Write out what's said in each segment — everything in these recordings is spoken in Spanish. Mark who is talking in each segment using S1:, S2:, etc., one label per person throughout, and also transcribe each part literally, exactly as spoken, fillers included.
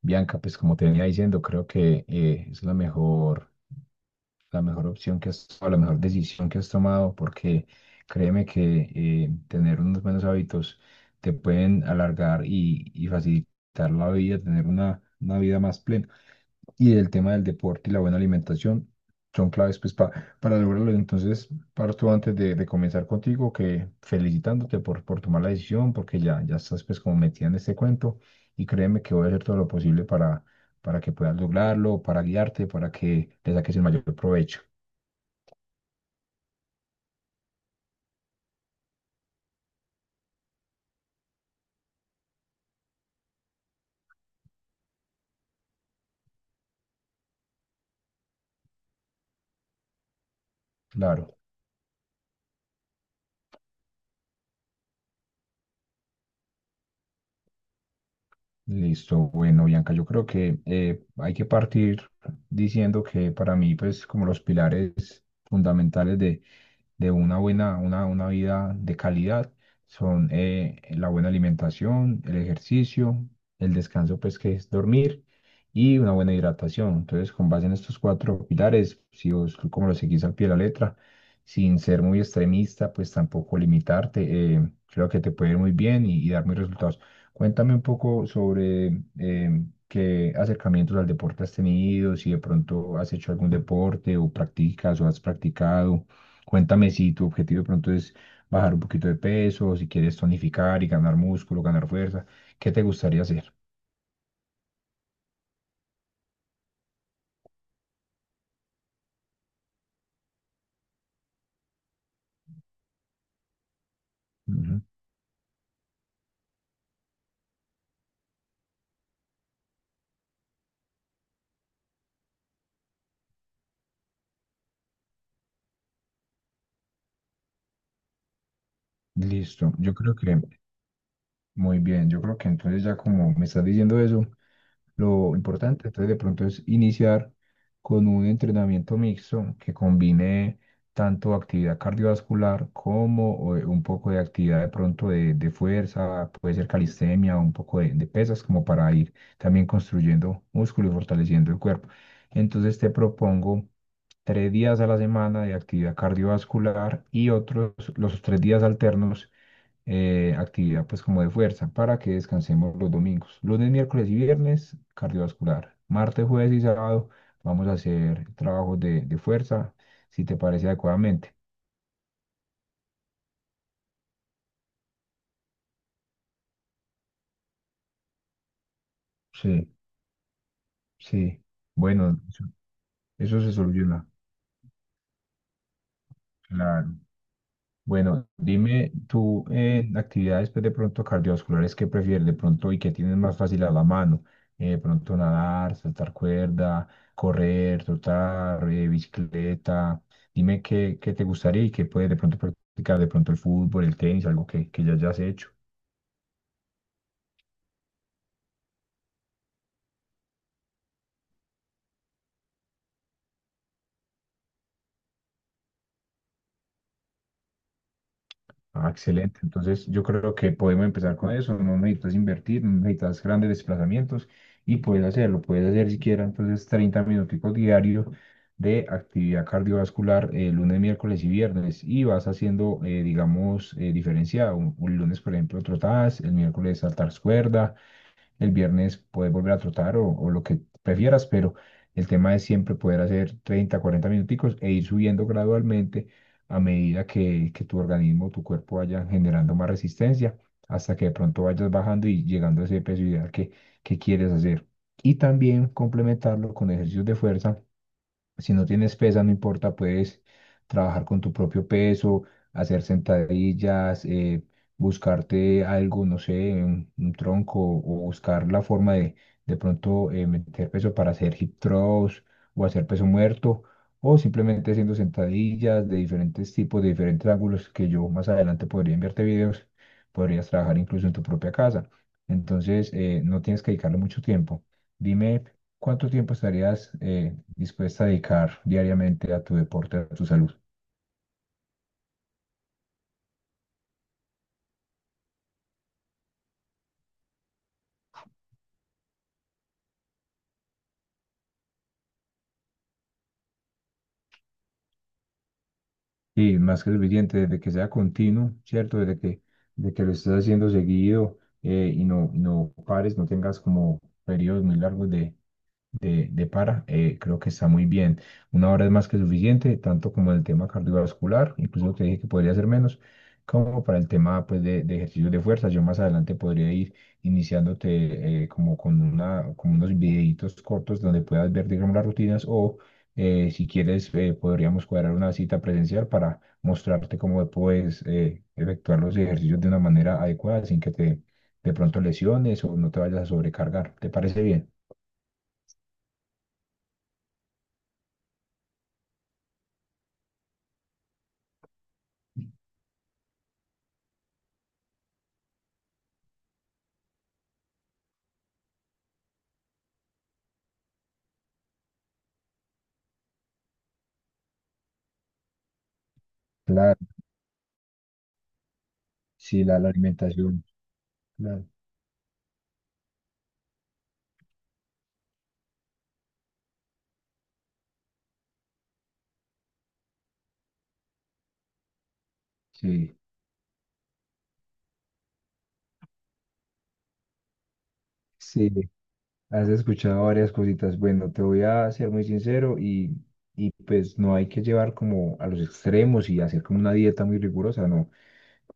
S1: Bianca, pues como te venía diciendo, creo que eh, es la mejor, la mejor opción que has tomado, la mejor decisión que has tomado, porque créeme que eh, tener unos buenos hábitos te pueden alargar y, y facilitar la vida, tener una, una vida más plena y del tema del deporte y la buena alimentación son claves pues, pa- para lograrlo. Entonces, parto antes de, de comenzar contigo, que felicitándote por, por tomar la decisión, porque ya, ya estás pues como metida en este cuento y créeme que voy a hacer todo lo posible para, para que puedas lograrlo, para guiarte, para que le saques el mayor provecho. Claro. Listo, bueno, Bianca, yo creo que eh, hay que partir diciendo que para mí, pues, como los pilares fundamentales de una buena, una, una vida de calidad son eh, la buena alimentación, el ejercicio, el descanso, pues que es dormir y una buena hidratación. Entonces, con base en estos cuatro pilares, si vos como lo seguís al pie de la letra, sin ser muy extremista, pues tampoco limitarte, eh, creo que te puede ir muy bien y, y dar muy resultados. Cuéntame un poco sobre eh, qué acercamientos al deporte has tenido, si de pronto has hecho algún deporte o practicas o has practicado. Cuéntame si tu objetivo de pronto es bajar un poquito de peso, si quieres tonificar y ganar músculo, ganar fuerza, ¿qué te gustaría hacer? Ujú. Listo, yo creo que muy bien, yo creo que entonces ya como me estás diciendo eso, lo importante. Entonces, de pronto es iniciar con un entrenamiento mixto que combine tanto actividad cardiovascular como eh, un poco de actividad de pronto de, de fuerza, puede ser calistenia, un poco de, de pesas, como para ir también construyendo músculo y fortaleciendo el cuerpo. Entonces, te propongo tres días a la semana de actividad cardiovascular y otros, los tres días alternos eh, actividad pues como de fuerza para que descansemos los domingos. Lunes, miércoles y viernes, cardiovascular. Martes, jueves y sábado vamos a hacer trabajos de, de fuerza, si te parece adecuadamente. Sí, sí. Bueno, eso, eso se soluciona. Claro. Bueno, dime tú eh, actividades pues, de pronto cardiovasculares que prefieres de pronto y que tienes más fácil a la mano. Eh, de pronto nadar, saltar cuerda, correr, trotar, eh, bicicleta. Dime qué, qué te gustaría y qué puedes de pronto practicar, de pronto el fútbol, el tenis, algo que, que ya hayas hecho. Ah, excelente. Entonces, yo creo que podemos empezar con eso. No necesitas invertir, no necesitas grandes desplazamientos y puedes hacerlo. Puedes hacer siquiera entonces treinta minuticos diarios de actividad cardiovascular eh, lunes, miércoles y viernes y vas haciendo, eh, digamos, eh, diferenciado. Un, un lunes, por ejemplo, trotadas, el miércoles saltar cuerda, el viernes puedes volver a trotar o, o lo que prefieras, pero el tema es siempre poder hacer treinta, cuarenta minuticos e ir subiendo gradualmente a medida que, que tu organismo, tu cuerpo vaya generando más resistencia hasta que de pronto vayas bajando y llegando a ese peso ideal que, que quieres hacer. Y también complementarlo con ejercicios de fuerza si no tienes pesa, no importa, puedes trabajar con tu propio peso, hacer sentadillas, eh, buscarte algo, no sé, un, un tronco o buscar la forma de de pronto eh, meter peso para hacer hip thrust o hacer peso muerto o simplemente haciendo sentadillas de diferentes tipos, de diferentes ángulos que yo más adelante podría enviarte videos, podrías trabajar incluso en tu propia casa. Entonces, eh, no tienes que dedicarle mucho tiempo. Dime, ¿cuánto tiempo estarías... eh, dispuesta a dedicar diariamente a tu deporte, a tu salud? Y más que suficiente, desde que sea continuo, ¿cierto? Desde que, de que lo estés haciendo seguido eh, y no, y no pares, no tengas como periodos muy largos de de, de para, eh, creo que está muy bien. Una hora es más que suficiente, tanto como el tema cardiovascular, incluso te dije que podría ser menos, como para el tema pues, de, de ejercicios de fuerza. Yo más adelante podría ir iniciándote eh, como con una, como unos videitos cortos donde puedas ver, digamos, las rutinas o eh, si quieres eh, podríamos cuadrar una cita presencial para mostrarte cómo puedes eh, efectuar los ejercicios de una manera adecuada sin que te de pronto lesiones o no te vayas a sobrecargar. ¿Te parece bien? Sí, la, la alimentación. la- Sí. sí, Has escuchado varias cositas. Bueno, te voy a ser muy sincero y, y pues no hay que llevar como a los extremos y hacer como una dieta muy rigurosa, no.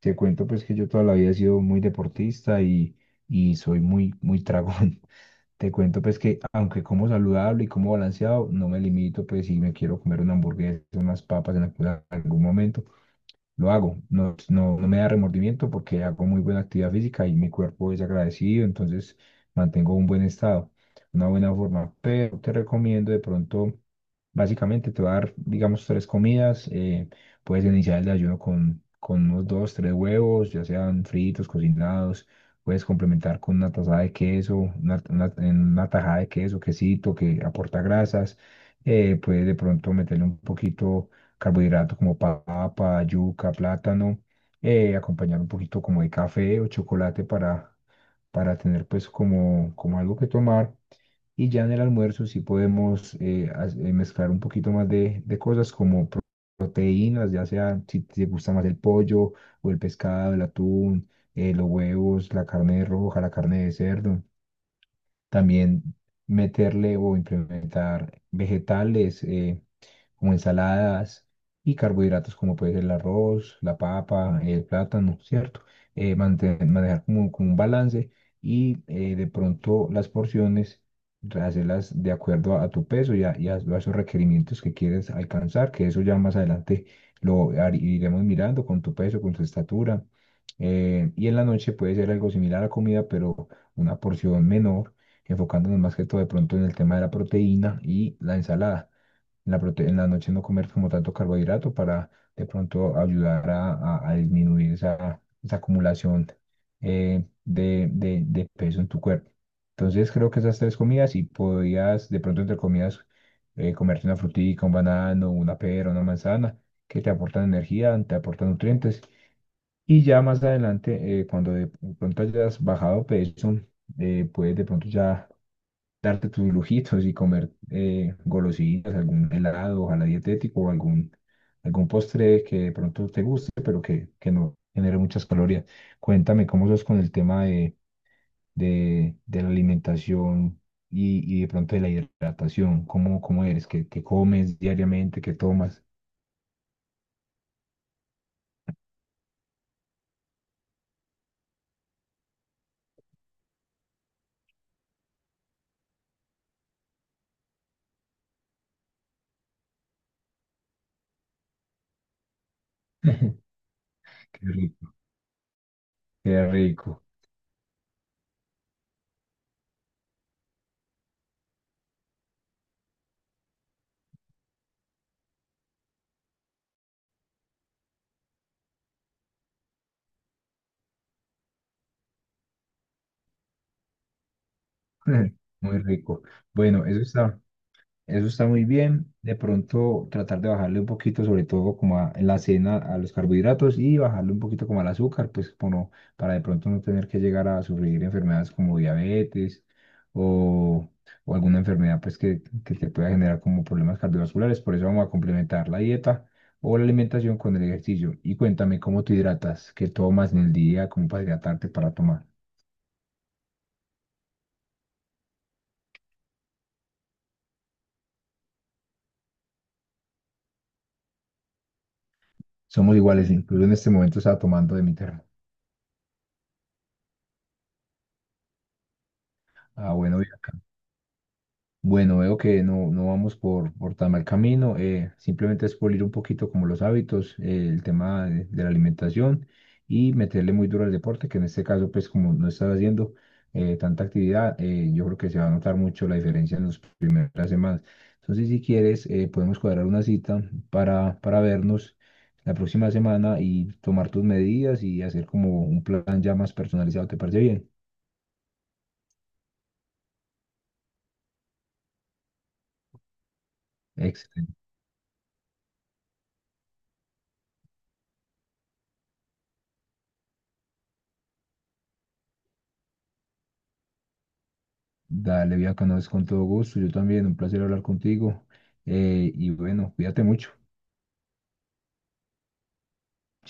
S1: Te cuento pues que yo toda la vida he sido muy deportista y, y soy muy, muy tragón. Te cuento pues que aunque como saludable y como balanceado, no me limito pues si me quiero comer una hamburguesa, unas papas en algún algún momento. Lo hago. No, no, no me da remordimiento porque hago muy buena actividad física y mi cuerpo es agradecido, entonces mantengo un buen estado, una buena forma. Pero te recomiendo de pronto, básicamente te va a dar, digamos, tres comidas. Eh, puedes iniciar el desayuno con, con unos dos, tres huevos, ya sean fritos, cocinados. Puedes complementar con una tazada de queso, una, una- en una tajada de queso, quesito que aporta grasas. Eh, puedes de pronto meterle un poquito carbohidratos como papa, yuca, plátano, eh, acompañar un poquito como de café o chocolate para, para tener pues como, como algo que tomar. Y ya en el almuerzo sí podemos eh, haz- eh, mezclar un poquito más de, de cosas como proteínas, ya sea si te gusta más el pollo o el pescado, el atún, eh, los huevos, la carne roja, la carne de cerdo. También meterle o implementar vegetales. Eh, como ensaladas y carbohidratos como puede ser el arroz, la papa, el plátano, ¿cierto? Eh, mante- manejar como, como un balance y eh, de pronto las porciones hacerlas de acuerdo a, a tu peso y a, y a- a esos requerimientos que quieres alcanzar, que eso ya más adelante lo har- iremos mirando con tu peso, con tu estatura. Eh, y en la noche puede ser algo similar a comida, pero una porción menor, enfocándonos más que todo de pronto en el tema de la proteína y la ensalada en la, prote- en la noche no comer como tanto carbohidrato para de pronto ayudar a, a- a disminuir esa, esa acumulación eh, de, de- de peso en tu cuerpo. Entonces creo que esas tres comidas y podías de pronto entre comidas eh, comerte una frutica, un banano, una pera, una manzana, que te aportan energía, te aportan nutrientes. Y ya más adelante, eh, cuando de pronto hayas bajado peso, eh, puedes de pronto ya darte tus lujitos y comer eh, golosinas, algún helado, ojalá dietético o algún, algún postre que de pronto te guste, pero que, que no genere muchas calorías. Cuéntame cómo sos con el tema de, de, de la alimentación y, y de pronto de la hidratación, cómo, cómo eres, qué, qué comes diariamente, qué tomas. Qué rico, qué rico, muy rico. Bueno, eso está. Eso está muy bien. De pronto tratar de bajarle un poquito, sobre todo como a- en la cena, a los carbohidratos y bajarle un poquito como al azúcar, pues como para de pronto no tener que llegar a sufrir enfermedades como diabetes o, o alguna enfermedad pues que, que te pueda generar como problemas cardiovasculares. Por eso vamos a complementar la dieta o la alimentación con el ejercicio. Y cuéntame cómo te hidratas, qué tomas en el día, cómo para hidratarte para tomar. Somos iguales, incluso en este momento estaba tomando de mi termo. Ah, bueno, bien. Bueno, veo que no, no vamos por, por tan mal camino, eh, simplemente es pulir un poquito como los hábitos, eh, el tema de, de la alimentación y meterle muy duro al deporte, que en este caso, pues como no estás haciendo eh, tanta actividad, eh, yo creo que se va a notar mucho la diferencia en las primeras semanas. Entonces, si quieres, eh, podemos cuadrar una cita para, para vernos la próxima semana y tomar tus medidas y hacer como un plan ya más personalizado, ¿te parece bien? Excelente. Dale, Bianca, no es con todo gusto. Yo también, un placer hablar contigo. Eh, y bueno, cuídate mucho. Chao.